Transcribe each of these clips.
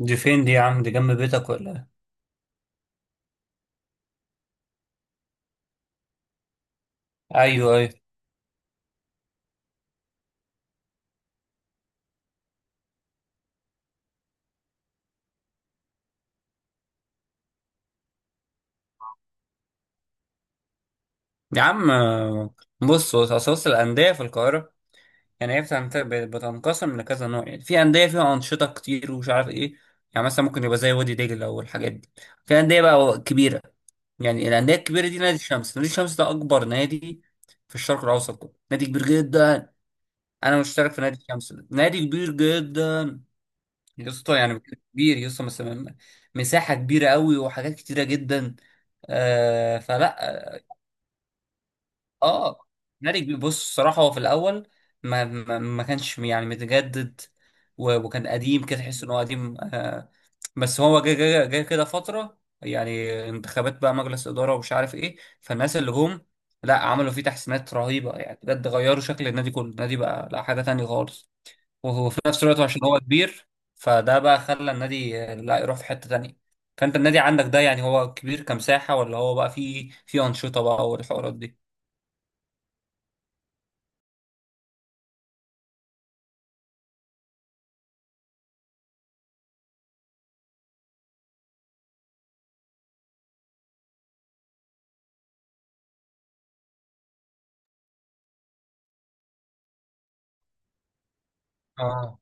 دي فين دي يا عم؟ دي جنب بيتك ولا إيه؟ ايوه ايوه يا عم. بص بص اصل الانديه في القاهره يعني هي بتنقسم لكذا نوع. يعني في انديه فيها انشطه كتير ومش عارف ايه، يعني مثلا ممكن يبقى زي وادي دجله او الحاجات دي. في انديه بقى كبيره، يعني الانديه الكبيره دي نادي الشمس. نادي الشمس ده اكبر نادي في الشرق الاوسط كله، نادي كبير جدا. انا مشترك في نادي الشمس، ده نادي كبير جدا يا اسطى يعني. كبير يا اسطى، مثلا مساحه كبيره قوي وحاجات كتيره جدا. آه فلا اه مالك. بص الصراحة هو في الأول ما كانش يعني متجدد، وكان قديم كده، تحس إن هو قديم آه. بس هو جه كده فترة يعني انتخابات بقى مجلس إدارة ومش عارف إيه، فالناس اللي جم لا عملوا فيه تحسينات رهيبة يعني، بجد غيروا شكل النادي كله. النادي بقى لا حاجة تانية خالص. وهو في نفس الوقت عشان هو كبير، فده بقى خلى النادي لا يروح في حتة تانية. فانت النادي عندك ده يعني هو كبير كمساحة، ولا هو بقى فيه أنشطة بقى والحوارات دي؟ اه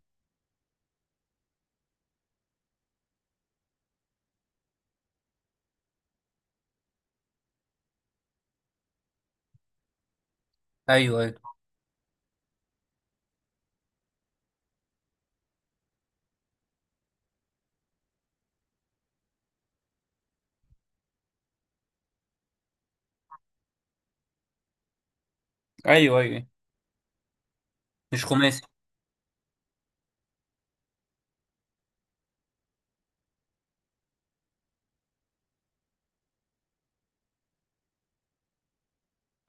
ايوه ايوه ايوه ايوه. مش خماسي؟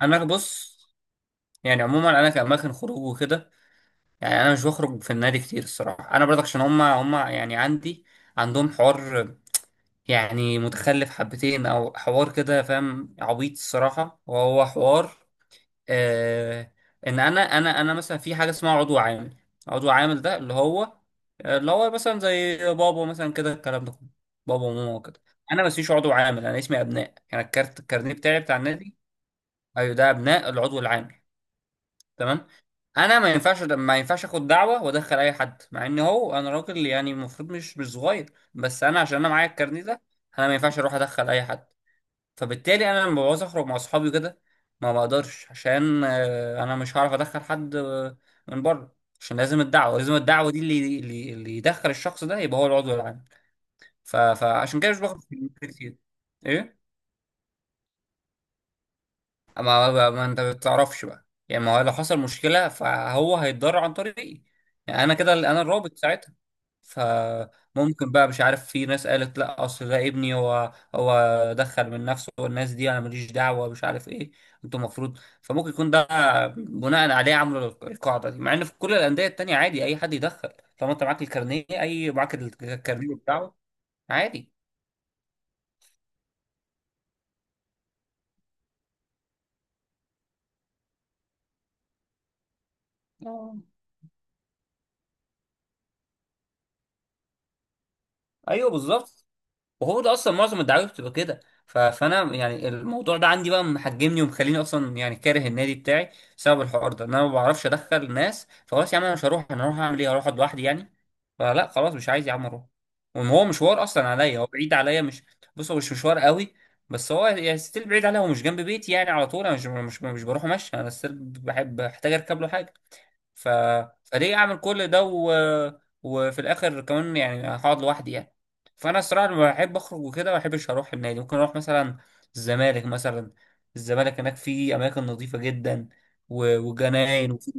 انا بص، يعني عموما انا كاماكن خروج وكده، يعني انا مش بخرج في النادي كتير الصراحه. انا برضك عشان هما يعني عندي عندهم حوار، يعني متخلف حبتين او حوار كده، فاهم، عبيط الصراحه وهو حوار آه. ان انا مثلا في حاجه اسمها عضو عامل. عضو عامل ده اللي هو مثلا زي بابا مثلا كده، الكلام ده كله، بابا وماما كده. انا ما اسميش عضو عامل، انا اسمي ابناء، يعني الكارت الكارنيه بتاعي بتاع النادي. ايوه، ده ابناء العضو العامل. تمام. انا ما ينفعش اخد دعوه وادخل اي حد، مع ان هو انا راجل يعني المفروض، مش صغير، بس انا عشان انا معايا الكارنيه ده، انا ما ينفعش اروح ادخل اي حد. فبالتالي انا لما بعوز اخرج مع اصحابي كده ما بقدرش، عشان انا مش هعرف ادخل حد من بره، عشان لازم الدعوه، لازم الدعوه دي اللي يدخل الشخص ده يبقى هو العضو العام. فعشان كده مش باخد كتير. ايه؟ ما انت بتعرفش بقى يعني. ما هو لو حصل مشكله فهو هيتضرر عن طريقي، يعني انا كده انا الرابط ساعتها. فممكن بقى مش عارف، في ناس قالت لا اصل ده ابني، هو دخل من نفسه، والناس دي انا ماليش دعوه مش عارف ايه، انتوا المفروض. فممكن يكون ده بناء عليه عملوا القاعده دي، مع ان في كل الانديه التانيه عادي اي حد يدخل طالما انت معاك الكارنيه، اي معاك الكارنيه بتاعه عادي. آه. ايوه بالظبط. وهو ده اصلا معظم الدعاوي بتبقى كده. فانا يعني الموضوع ده عندي بقى محجمني ومخليني اصلا يعني كاره النادي بتاعي بسبب الحوار ده، ان انا ما بعرفش ادخل ناس. فخلاص يا عم انا مش هروح، انا هروح اعمل ايه؟ هروح أقعد لوحدي يعني؟ فلا خلاص مش عايز يا عم اروح. وان هو مشوار اصلا عليا، هو بعيد عليا، مش، بص هو مش مشوار قوي، بس هو يعني ستيل بعيد عليا، هو مش جنب بيتي يعني على طول انا مش بروح ماشي، انا ستيل بحب بحتاج اركب له حاجه. ف... فليه اعمل كل ده و... وفي الاخر كمان يعني هقعد لوحدي يعني. فانا الصراحه لما بحب اخرج وكده ما بحبش اروح النادي. ممكن اروح مثلا الزمالك مثلا. الزمالك هناك في اماكن نظيفه جدا، و... وجناين، وفي،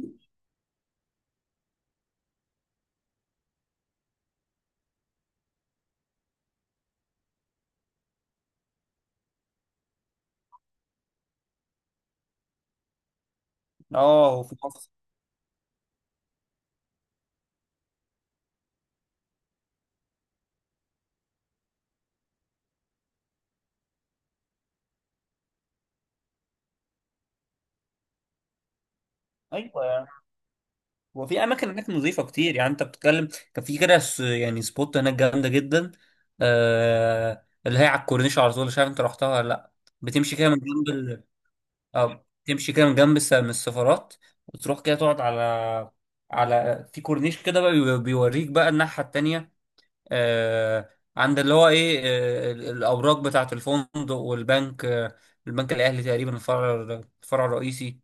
اه وفي حفظ. ايوه يعني. وفي اماكن هناك نظيفه كتير، يعني انت بتتكلم. كان في كده يعني سبوت هناك جامده جدا، آه... اللي هي على الكورنيش على طول، مش عارف انت رحتها ولا لا. بتمشي كده من جنب، اه تمشي كده من جنب من السفارات وتروح كده تقعد على على، في كورنيش كده بقى بيوريك بقى الناحية التانية آه، عند اللي هو ايه، آه الأوراق بتاعة الفندق والبنك آه، البنك الأهلي تقريبا الفرع، الفرع الرئيسي،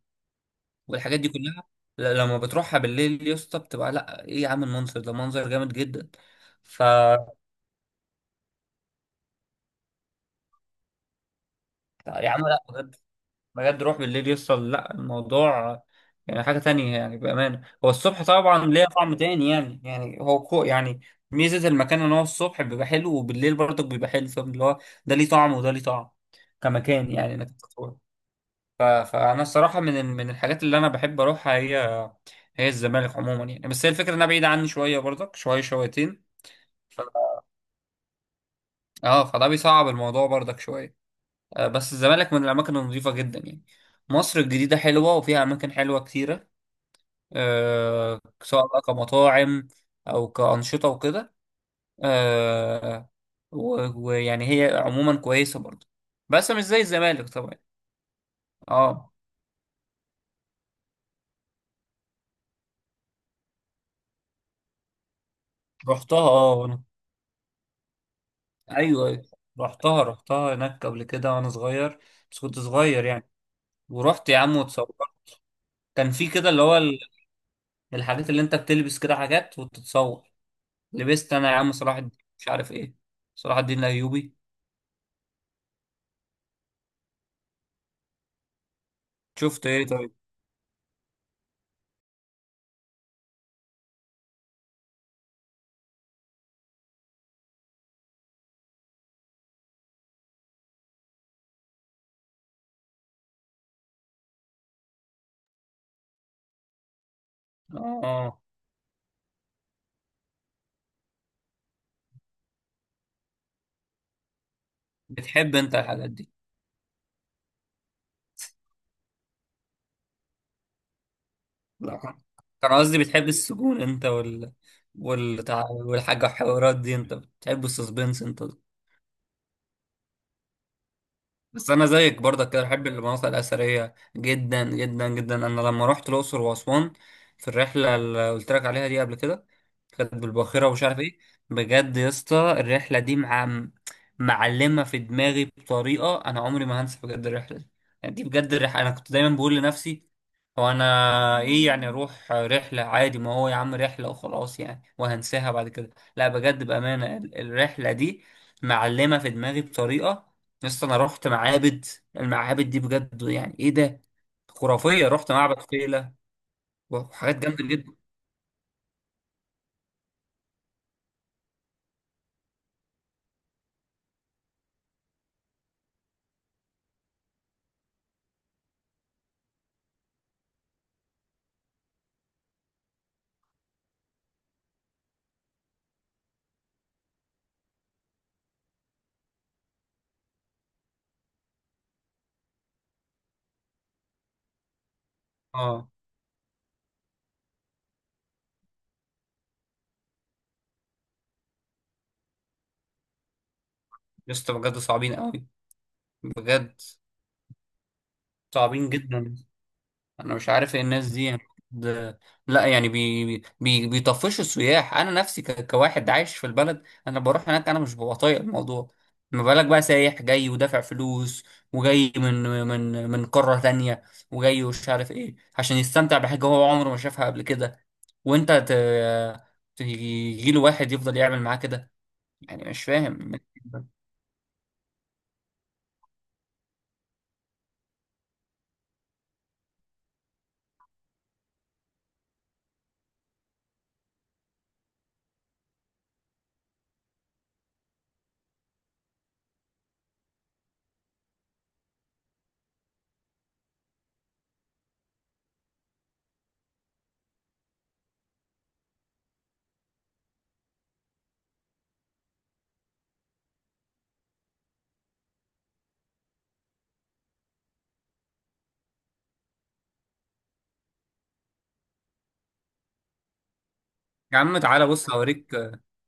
والحاجات دي كلها. لما بتروحها بالليل يا اسطى بتبقى لا ايه يا عم، المنظر ده منظر جامد جدا. ف، يا عم لا، بجد روح بالليل يوصل لا الموضوع يعني حاجة تانية يعني بأمانة. هو الصبح طبعا ليه طعم تاني يعني، يعني هو كو يعني، ميزة المكان ان هو الصبح بيبقى حلو وبالليل برضك بيبقى حلو، فاهم اللي هو ده ليه طعم وده ليه طعم كمكان، يعني انك تتصور. فأنا الصراحة من من الحاجات اللي أنا بحب أروحها هي هي الزمالك عموما يعني، بس هي الفكرة إنها بعيدة عني شوية برضك، شوية شويتين. ف- اه فده بيصعب الموضوع برضك شوية. بس الزمالك من الأماكن النظيفة جدا يعني. مصر الجديدة حلوة وفيها أماكن حلوة كتيرة، سواء بقى كمطاعم او كأنشطة وكده، آه، ويعني هي عموما كويسة برضه، بس مش زي الزمالك طبعا. اه رحتها، ايوه أيوه. رحتها هناك قبل كده وانا صغير، بس كنت صغير يعني. ورحت يا عم واتصورت، كان في كده اللي هو الحاجات اللي انت بتلبس كده حاجات وتتصور. لبست انا يا عم صلاح الدين مش عارف ايه، صلاح الدين الايوبي. شفت ايه طيب؟ اه بتحب انت الحاجات دي؟ لا كان قصدي بتحب السجون انت وال... والتع... والحاجة والحوارات دي، انت بتحب السسبنس انت. بس انا زيك برضك كده بحب المناطق الاثريه جدا جدا جدا. انا لما رحت الاقصر واسوان في الرحله اللي قلت لك عليها دي قبل كده، كانت بالباخره ومش عارف ايه، بجد يا اسطى الرحله دي مع معلمه في دماغي بطريقه، انا عمري ما هنسى بجد الرحله دي. يعني دي بجد الرحله، انا كنت دايما بقول لنفسي هو انا ايه يعني، اروح رحله عادي، ما هو يا عم رحله وخلاص يعني وهنساها بعد كده، لا بجد بامانه الرحله دي معلمه في دماغي بطريقه. يس انا رحت معابد، المعابد دي بجد، يعني ايه ده، خرافيه. رحت معبد فيلة وحاجات جامده جدا. اه. يس بجد صعبين قوي، بجد صعبين جدا. انا مش عارف ايه الناس دي يعني، د-، لا يعني بي بيطفشوا السياح. انا نفسي كواحد عايش في البلد انا بروح هناك انا مش ببقى طايق الموضوع، ما بالك بقى سايح جاي ودافع فلوس وجاي من من قارة تانية وجاي ومش عارف ايه عشان يستمتع بحاجة هو عمره ما شافها قبل كده، وانت ت... تجيله واحد يفضل يعمل معاه كده، يعني مش فاهم. يا عم تعالى بص هوريك،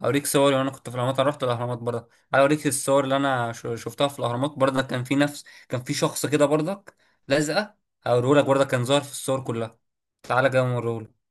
هوريك صوري وانا كنت في الاهرامات، انا رحت الاهرامات برضه، تعالى اوريك الصور اللي انا شفتها في الاهرامات برضه. كان في نفس، كان في شخص كده برضك لازقه، هوريهولك برضه كان ظاهر في الصور كلها، تعالى كده اوريهولك.